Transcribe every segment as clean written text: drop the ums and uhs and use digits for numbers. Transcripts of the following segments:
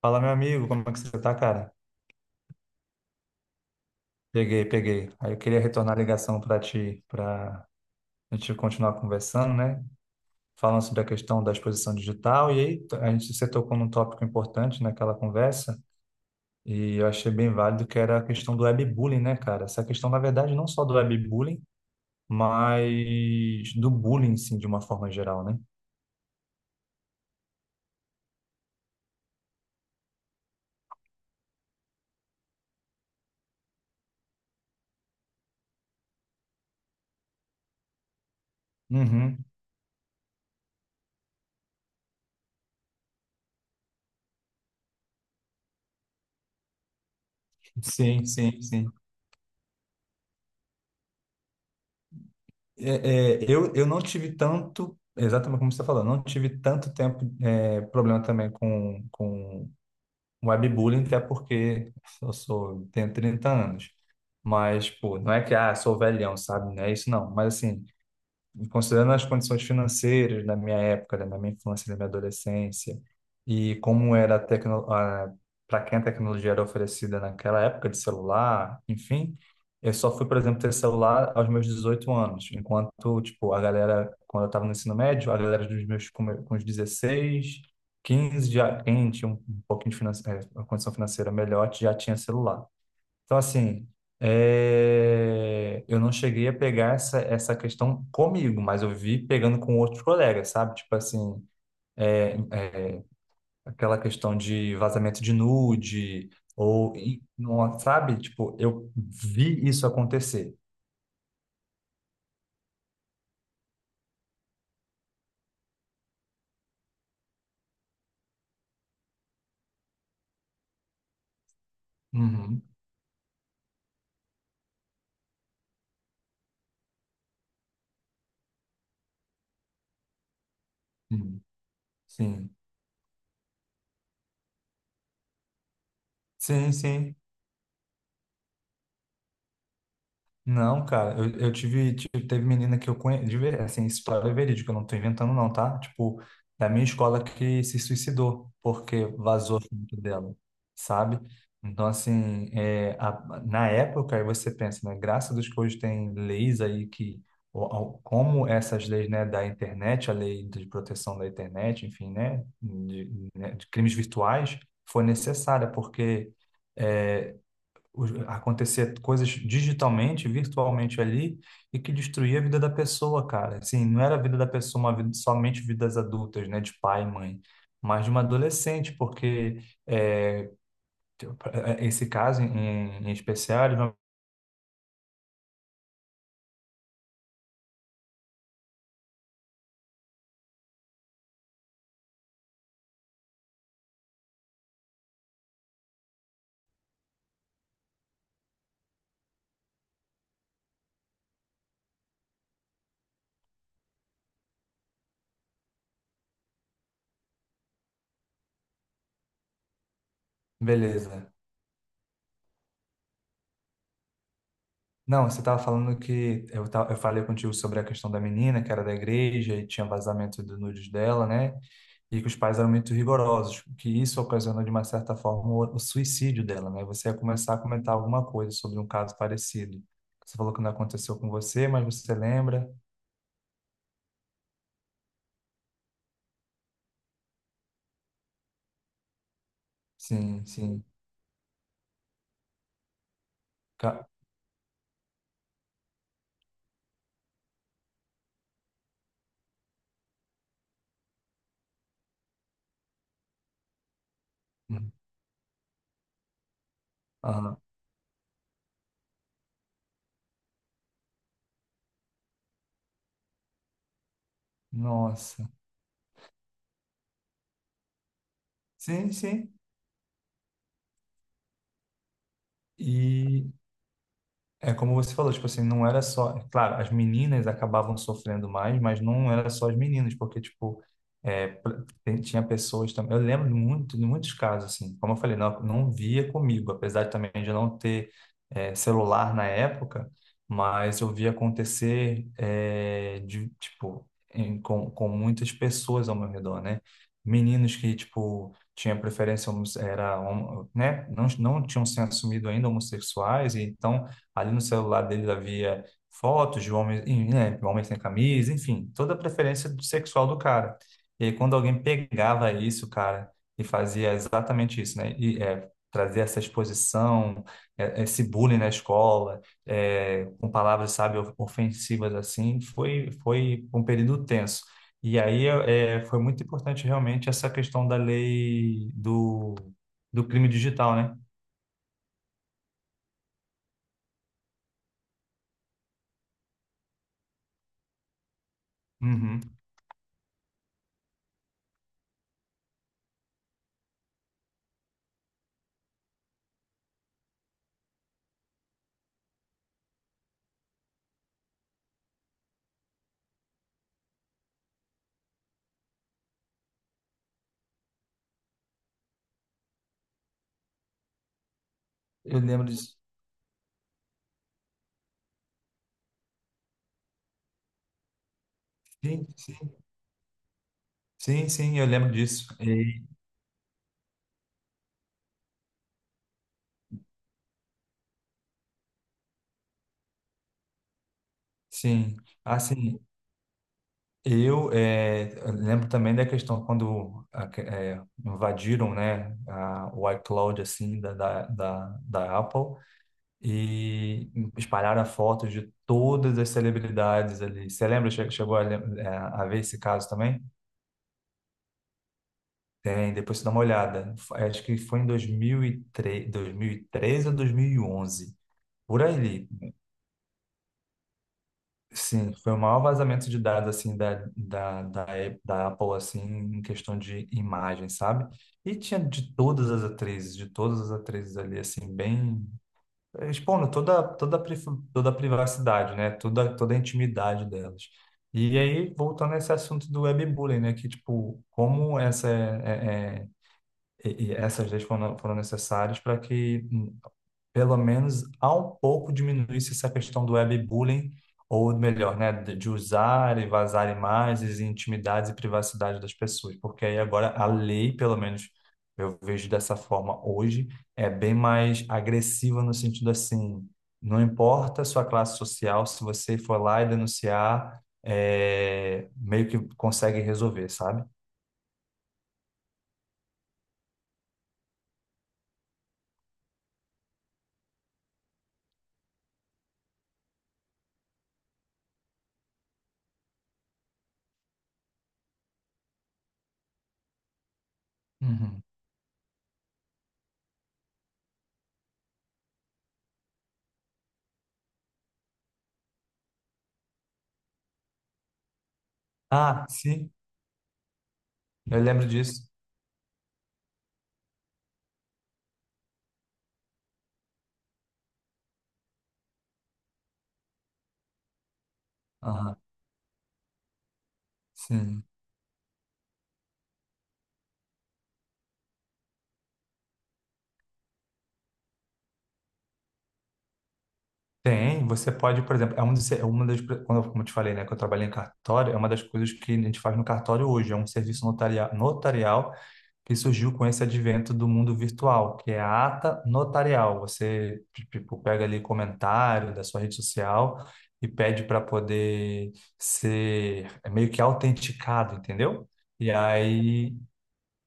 Fala, meu amigo, como é que você tá, cara? Peguei. Aí eu queria retornar a ligação para ti, para a gente continuar conversando, né? Falando sobre a questão da exposição digital, e aí a gente se tocou num tópico importante naquela conversa, e eu achei bem válido que era a questão do webbullying, né, cara? Essa questão, na verdade, não só do webbullying, mas do bullying, sim, de uma forma geral, né? Uhum. Sim, sim, sim. É, eu não tive tanto, exatamente como você está falando, não tive tanto tempo, problema também com webbullying, até porque eu sou, tenho 30 anos. Mas, pô, não é que, ah, sou velhão, sabe? Não é isso, não. Mas, assim, considerando as condições financeiras da minha época, né, da minha infância, da minha adolescência, e como era a para quem a tecnologia era oferecida naquela época de celular, enfim, eu só fui, por exemplo, ter celular aos meus 18 anos, enquanto, tipo, a galera, quando eu estava no ensino médio, a galera dos meus com os 16, 15, já, quem tinha um pouquinho de uma condição financeira melhor, já tinha celular. Então, assim, eu não cheguei a pegar essa, essa questão comigo, mas eu vi pegando com outros colegas, sabe? Tipo assim, é, é, aquela questão de vazamento de nude, ou, sabe? Tipo, eu vi isso acontecer. Uhum, uhum. Sim, sim, sim. Não, cara, eu tive, teve menina que eu conheço, assim, história verídica, eu não tô inventando não, tá? Tipo, da minha escola que se suicidou, porque vazou junto dela, sabe? Então, assim, na época, aí você pensa, né, graças a Deus que hoje tem leis aí que, como essas leis, né, da internet, a lei de proteção da internet, enfim, né, de crimes virtuais, foi necessária, porque... é, acontecer coisas digitalmente, virtualmente ali, e que destruía a vida da pessoa, cara. Assim, não era a vida da pessoa, uma vida, somente vidas adultas, né, de pai e mãe, mas de uma adolescente, porque é, esse caso em especial, ele vai- beleza. Não, você estava falando que eu falei contigo sobre a questão da menina que era da igreja e tinha vazamento do nudes dela, né? E que os pais eram muito rigorosos, que isso ocasionou de uma certa forma o suicídio dela, né? Você ia começar a comentar alguma coisa sobre um caso parecido. Você falou que não aconteceu com você, mas você lembra? Sim, sim. Ca- Uhum. Aham. Nossa. Sim, sim. E é como você falou, tipo assim, não era só. Claro, as meninas acabavam sofrendo mais, mas não era só as meninas, porque, tipo, tinha pessoas também. Eu lembro de muito, de muitos casos, assim, como eu falei, não via comigo, apesar de também de não ter celular na época, mas eu via acontecer, de, tipo, com muitas pessoas ao meu redor, né? Meninos que, tipo, tinha preferência, né? Não, não tinham se assumido ainda homossexuais, e então ali no celular dele havia fotos de homens, né, homens sem camisa, enfim, toda a preferência sexual do cara. E aí, quando alguém pegava isso, cara, e fazia exatamente isso, né? Trazer essa exposição, esse bullying na escola, com palavras, sabe, ofensivas assim, foi um período tenso. Foi muito importante realmente essa questão da lei do crime digital, né? Uhum. Eu lembro disso. Sim, sim, sim, eu lembro disso. Sim, assim, eu lembro também da questão quando invadiram, né, a, o iCloud, assim, da Apple e espalharam fotos de todas as celebridades ali. Você lembra, chegou a, a ver esse caso também? Tem, depois você dá uma olhada. F- Acho que foi em dois dois mil mil e três dois mil e 2013 ou 2011 por aí. Sim, foi o maior vazamento de dados assim da Apple assim em questão de imagem, sabe? E tinha de todas as atrizes, de todas as atrizes ali assim bem expondo toda a privacidade, né? Toda a intimidade delas. E aí voltando a esse assunto do webbullying, né? Que tipo como essa é, é- é- e essas leis foram necessárias para que pelo menos há um pouco diminuísse essa questão do webbullying, ou melhor, né, de usar e vazar imagens, e intimidades e privacidade das pessoas, porque aí agora a lei, pelo menos eu vejo dessa forma hoje, é bem mais agressiva no sentido assim, não importa a sua classe social, se você for lá e denunciar, meio que consegue resolver, sabe? Uhum. Ah, sim, eu lembro disso. Aham, sim. Tem, você pode, por exemplo, é uma das, como eu te falei, né, que eu trabalhei em cartório, é uma das coisas que a gente faz no cartório hoje, é um serviço notarial que surgiu com esse advento do mundo virtual, que é a ata notarial. Você, tipo, pega ali comentário da sua rede social e pede para poder ser meio que autenticado, entendeu? E aí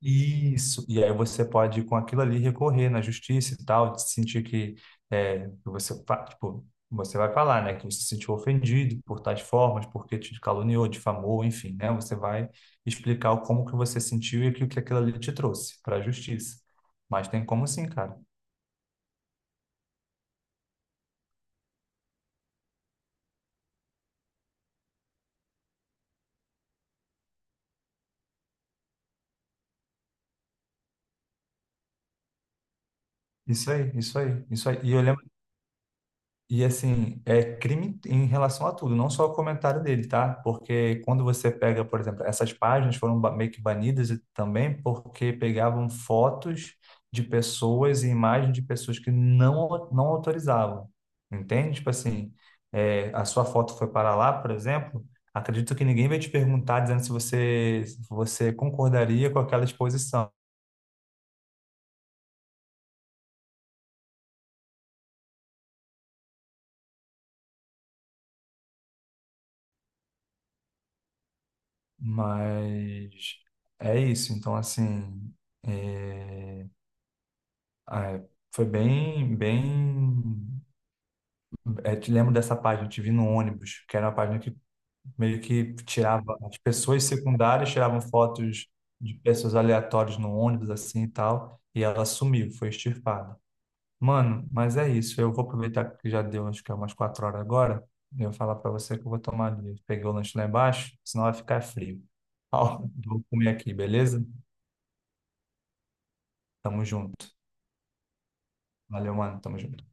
isso, e aí você pode, com aquilo ali, recorrer na justiça e tal, de sentir que, tipo, você vai falar, né, que você se sentiu ofendido por tais formas, porque te caluniou, difamou, enfim, né, você vai explicar o como que você sentiu e o que aquilo ali te trouxe para a justiça. Mas tem como sim, cara. Isso aí, isso aí, isso aí. E eu lembro e assim, é crime em relação a tudo, não só o comentário dele, tá? Porque quando você pega, por exemplo, essas páginas foram meio que banidas e também porque pegavam fotos de pessoas e imagens de pessoas que não autorizavam, entende? Tipo assim, a sua foto foi para lá, por exemplo, acredito que ninguém vai te perguntar dizendo se você, se você concordaria com aquela exposição, mas é isso, então assim. É... Ah, é, bem. É, te lembro dessa página, te vi no ônibus, que era uma página que meio que tirava as pessoas secundárias, tiravam fotos de pessoas aleatórias no ônibus, assim e tal, e ela sumiu, foi extirpada. Mano, mas é isso, eu vou aproveitar que já deu, acho que é umas 4 horas agora, e eu vou falar pra você que eu vou tomar ali. Peguei o lanche lá embaixo, senão vai ficar frio. Ó, vou comer aqui, beleza? Tamo junto. Valeu, mano, tamo junto.